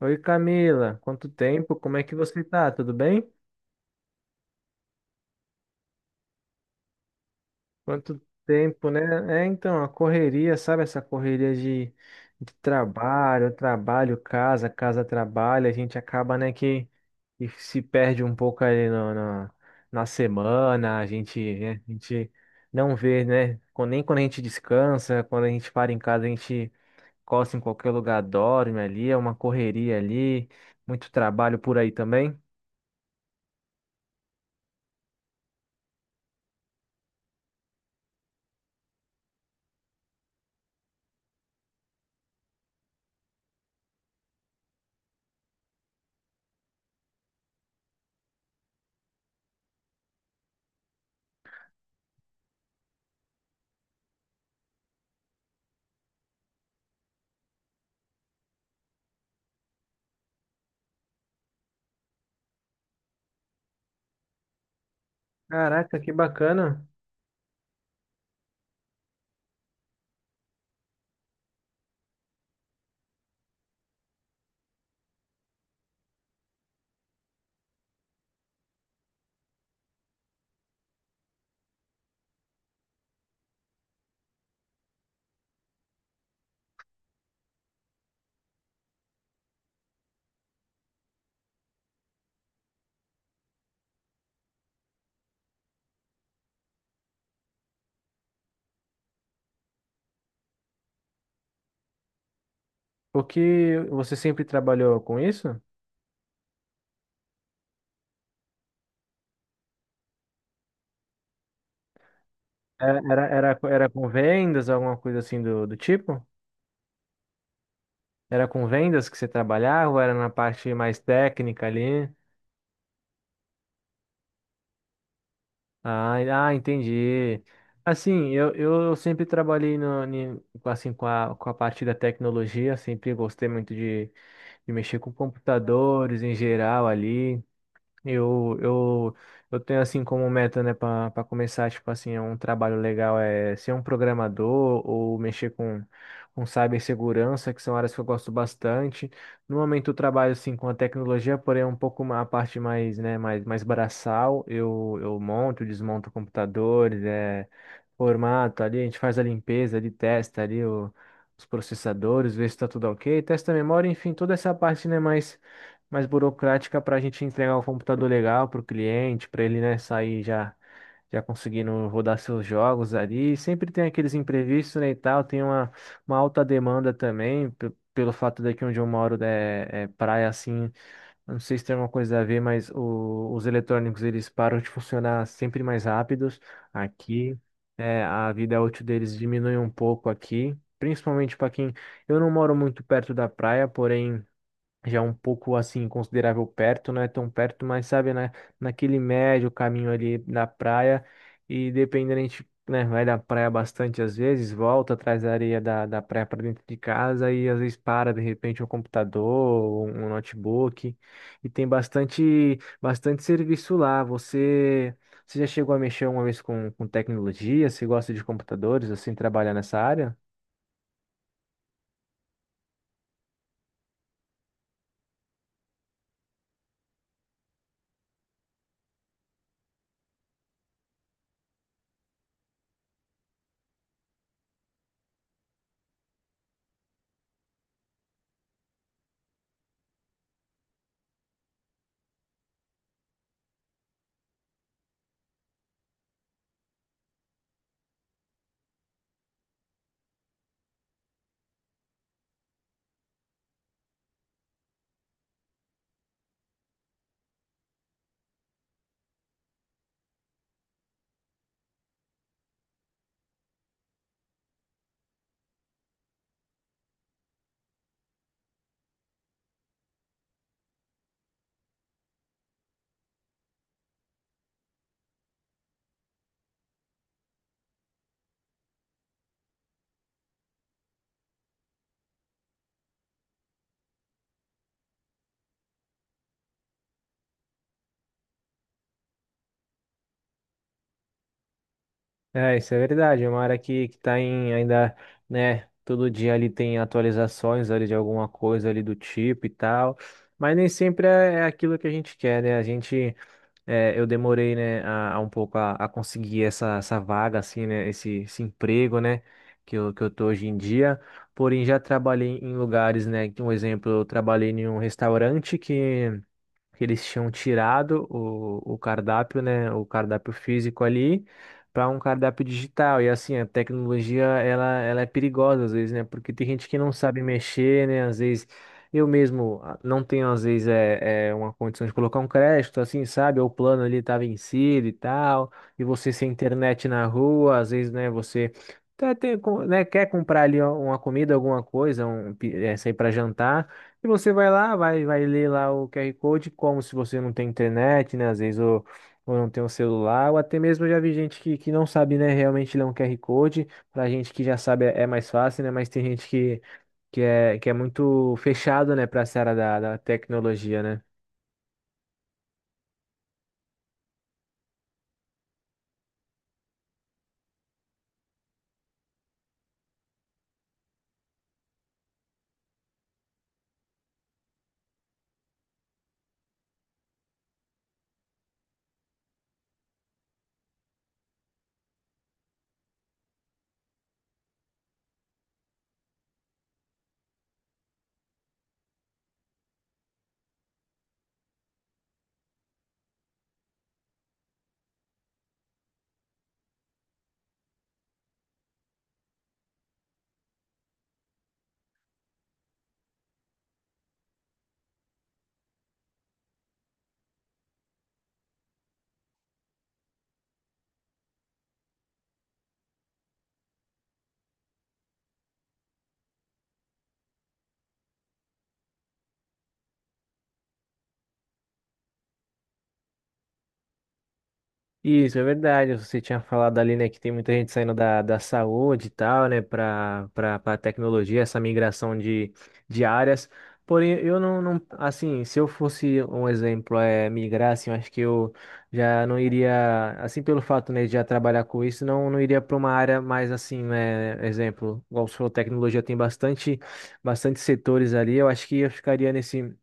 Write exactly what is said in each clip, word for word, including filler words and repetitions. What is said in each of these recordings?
Oi Camila, quanto tempo? Como é que você tá? Tudo bem? Quanto tempo, né? É, então, a correria, sabe? Essa correria de, de trabalho, trabalho, casa, casa, trabalho, a gente acaba, né, que, que se perde um pouco ali no, no- na semana, a gente, né, a gente não vê, né? Quando- Nem quando a gente descansa, quando a gente para em casa, a gente costa em qualquer lugar, dorme ali, é uma correria ali, muito trabalho por aí também. Caraca, que bacana! Porque você sempre trabalhou com isso? Era, era, era, era com vendas, alguma coisa assim do, do tipo? Era com vendas que você trabalhava ou era na parte mais técnica ali? Ah, en- ah, entendi. Assim, eu, eu sempre trabalhei no, ni- com, assim, com a, com a parte da tecnologia, sempre gostei muito de, de mexer com computadores em geral ali. Eu, eu, eu tenho assim como meta, né, para começar, tipo assim, é um trabalho legal é ser um programador ou mexer com, com cibersegurança, que são áreas que eu gosto bastante. No momento eu trabalho assim com a tecnologia, porém é um pouco ma- a parte mais, né, mais, mais braçal. Eu, eu monto, desmonto computadores, é, formato ali, a gente faz a limpeza, ali, testa ali o- os processadores, vê se está tudo ok, testa a memória, enfim, toda essa parte, né, mais mais burocrática para a gente entregar o computador legal para o cliente, para ele, né, sair já já conseguindo rodar seus jogos ali. E sempre tem aqueles imprevistos, né, e tal, tem uma, uma alta demanda também, pe- pelo fato daqui onde eu moro, né, é é praia assim, não sei se tem alguma coisa a ver, mas o- os eletrônicos eles param de funcionar sempre mais rápidos aqui. É, a vida útil deles diminui um pouco aqui, principalmente para quem. Eu não moro muito perto da praia, porém já é um pouco assim considerável perto, não é tão perto, mas sabe, na, naquele médio caminho ali da praia e dependendo a gente, né, vai da praia bastante às vezes, volta atrás da areia da, da praia para dentro de casa e às vezes para de repente um computador, um um notebook e tem bastante bastante serviço lá. Você você já chegou a mexer uma vez com, com tecnologia? Você gosta de computadores, assim, trabalhar nessa área? É, isso é verdade. É uma área que, que tá em ainda, né? Todo dia ali tem atualizações ali de alguma coisa ali do tipo e tal. Mas nem sempre é, é aquilo que a gente quer, né? A gente, é, eu demorei, né, a, a um pouco a, a conseguir essa, essa vaga, assim, né? Esse, esse emprego, né? Que eu, que eu tô hoje em dia. Porém, já trabalhei em lugares, né, que, um exemplo, eu trabalhei em um restaurante que que eles tinham tirado o, o cardápio, né, o cardápio físico ali para um cardápio digital. E assim, a tecnologia ela, ela é perigosa às vezes, né? Porque tem gente que não sabe mexer, né? Às vezes eu mesmo, ah, não tenho às vezes é, é uma condição de colocar um crédito, assim, sabe? O plano ali tá vencido e tal, e você sem internet na rua, às vezes, né, você até tem, com- né, quer comprar ali uma comida, alguma coisa, um, pi- eh, sair para jantar. E você vai lá, vai, vai ler lá o QR Code, como se você não tem internet, né? Às vezes ou, ou não tem um celular, ou até mesmo eu já vi gente que, que não sabe, né, realmente ler um QR Code. Pra gente que já sabe é é mais fácil, né? Mas tem gente que, que é, que é muito fechado, né, pra essa área da, da tecnologia, né? Isso, é verdade. Você tinha falado ali, né, que tem muita gente saindo da, da saúde e tal, né, para para para tecnologia, essa migração de, de áreas. Porém, eu não, não, assim, se eu fosse um exemplo, é migrar, assim, eu acho que eu já não iria, assim, pelo fato, né, de já trabalhar com isso, não, não iria para uma área mais assim, né, exemplo, igual você falou, tecnologia tem bastante, bastante setores ali. Eu acho que eu ficaria nesse.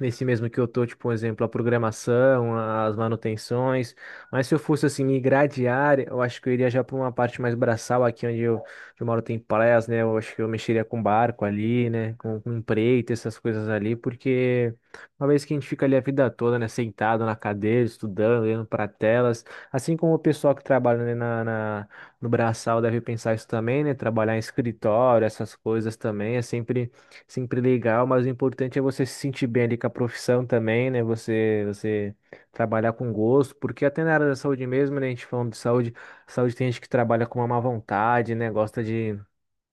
Nesse mesmo que eu tô, tipo, um exemplo, a programação, as manutenções. Mas se eu fosse, assim, migrar de área, eu acho que eu iria já para uma parte mais braçal, aqui onde eu, onde eu moro tem praias, né? Eu acho que eu mexeria com barco ali, né? Com, com empreita, essas coisas ali, porque uma vez que a gente fica ali a vida toda, né? Sentado na cadeira, estudando, olhando para telas, assim como o pessoal que trabalha, né, na, na- no braçal deve pensar isso também, né? Trabalhar em escritório, essas coisas também, é sempre sempre legal, mas o importante é você se sentir bem ali com a profissão também, né? Você, você trabalhar com gosto, porque até na área da saúde mesmo, né? A gente falando de saúde, saúde tem gente que trabalha com uma má vontade, né? Gosta de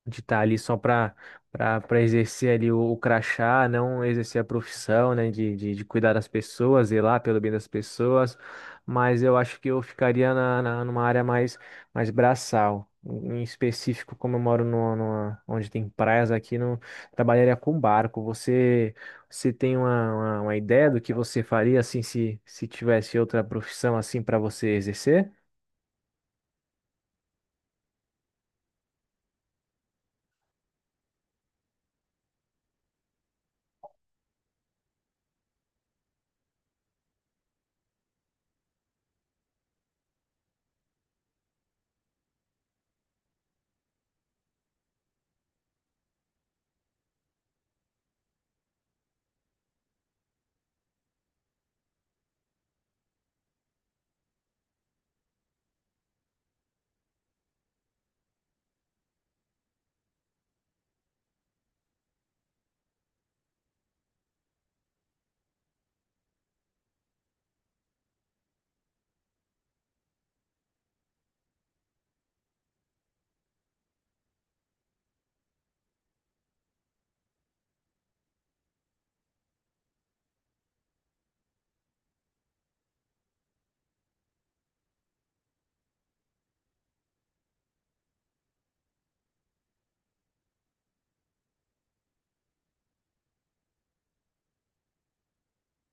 de estar ali só para para exercer ali o, o crachá, não exercer a profissão, né, de, de, de cuidar das pessoas, zelar pelo bem das pessoas, mas eu acho que eu ficaria na, na- numa área mais, mais braçal. Em específico, como eu moro no numa- onde tem praias aqui, não trabalharia com barco. Você, você tem uma, uma, uma ideia do que você faria assim se, se tivesse outra profissão assim para você exercer?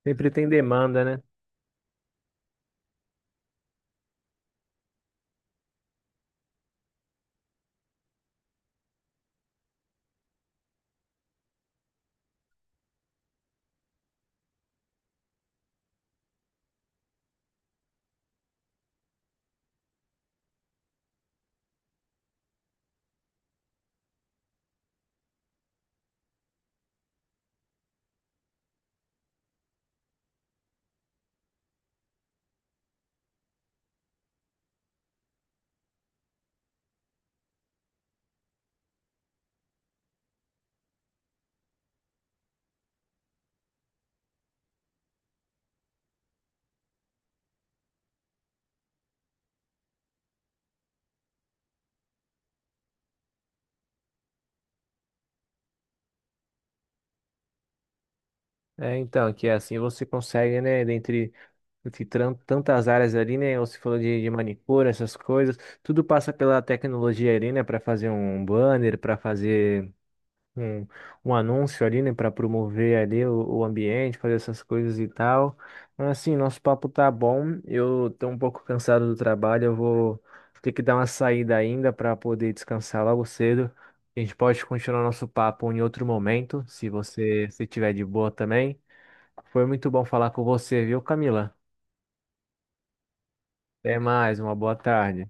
Sempre tem demanda, né? É, então, que é assim você consegue, né, dentre de tran- tantas áreas ali, né? Você falou de, de manicure, essas coisas, tudo passa pela tecnologia ali, né? Para fazer um um banner, para fazer um, um anúncio ali, né? Para promover ali o, o ambiente, fazer essas coisas e tal. Mas assim, nosso papo tá bom. Eu tô um pouco cansado do trabalho, eu vou ter que dar uma saída ainda para poder descansar logo cedo. A gente pode continuar nosso papo em outro momento, se você se tiver de boa também. Foi muito bom falar com você, viu, Camila? Até mais, uma boa tarde.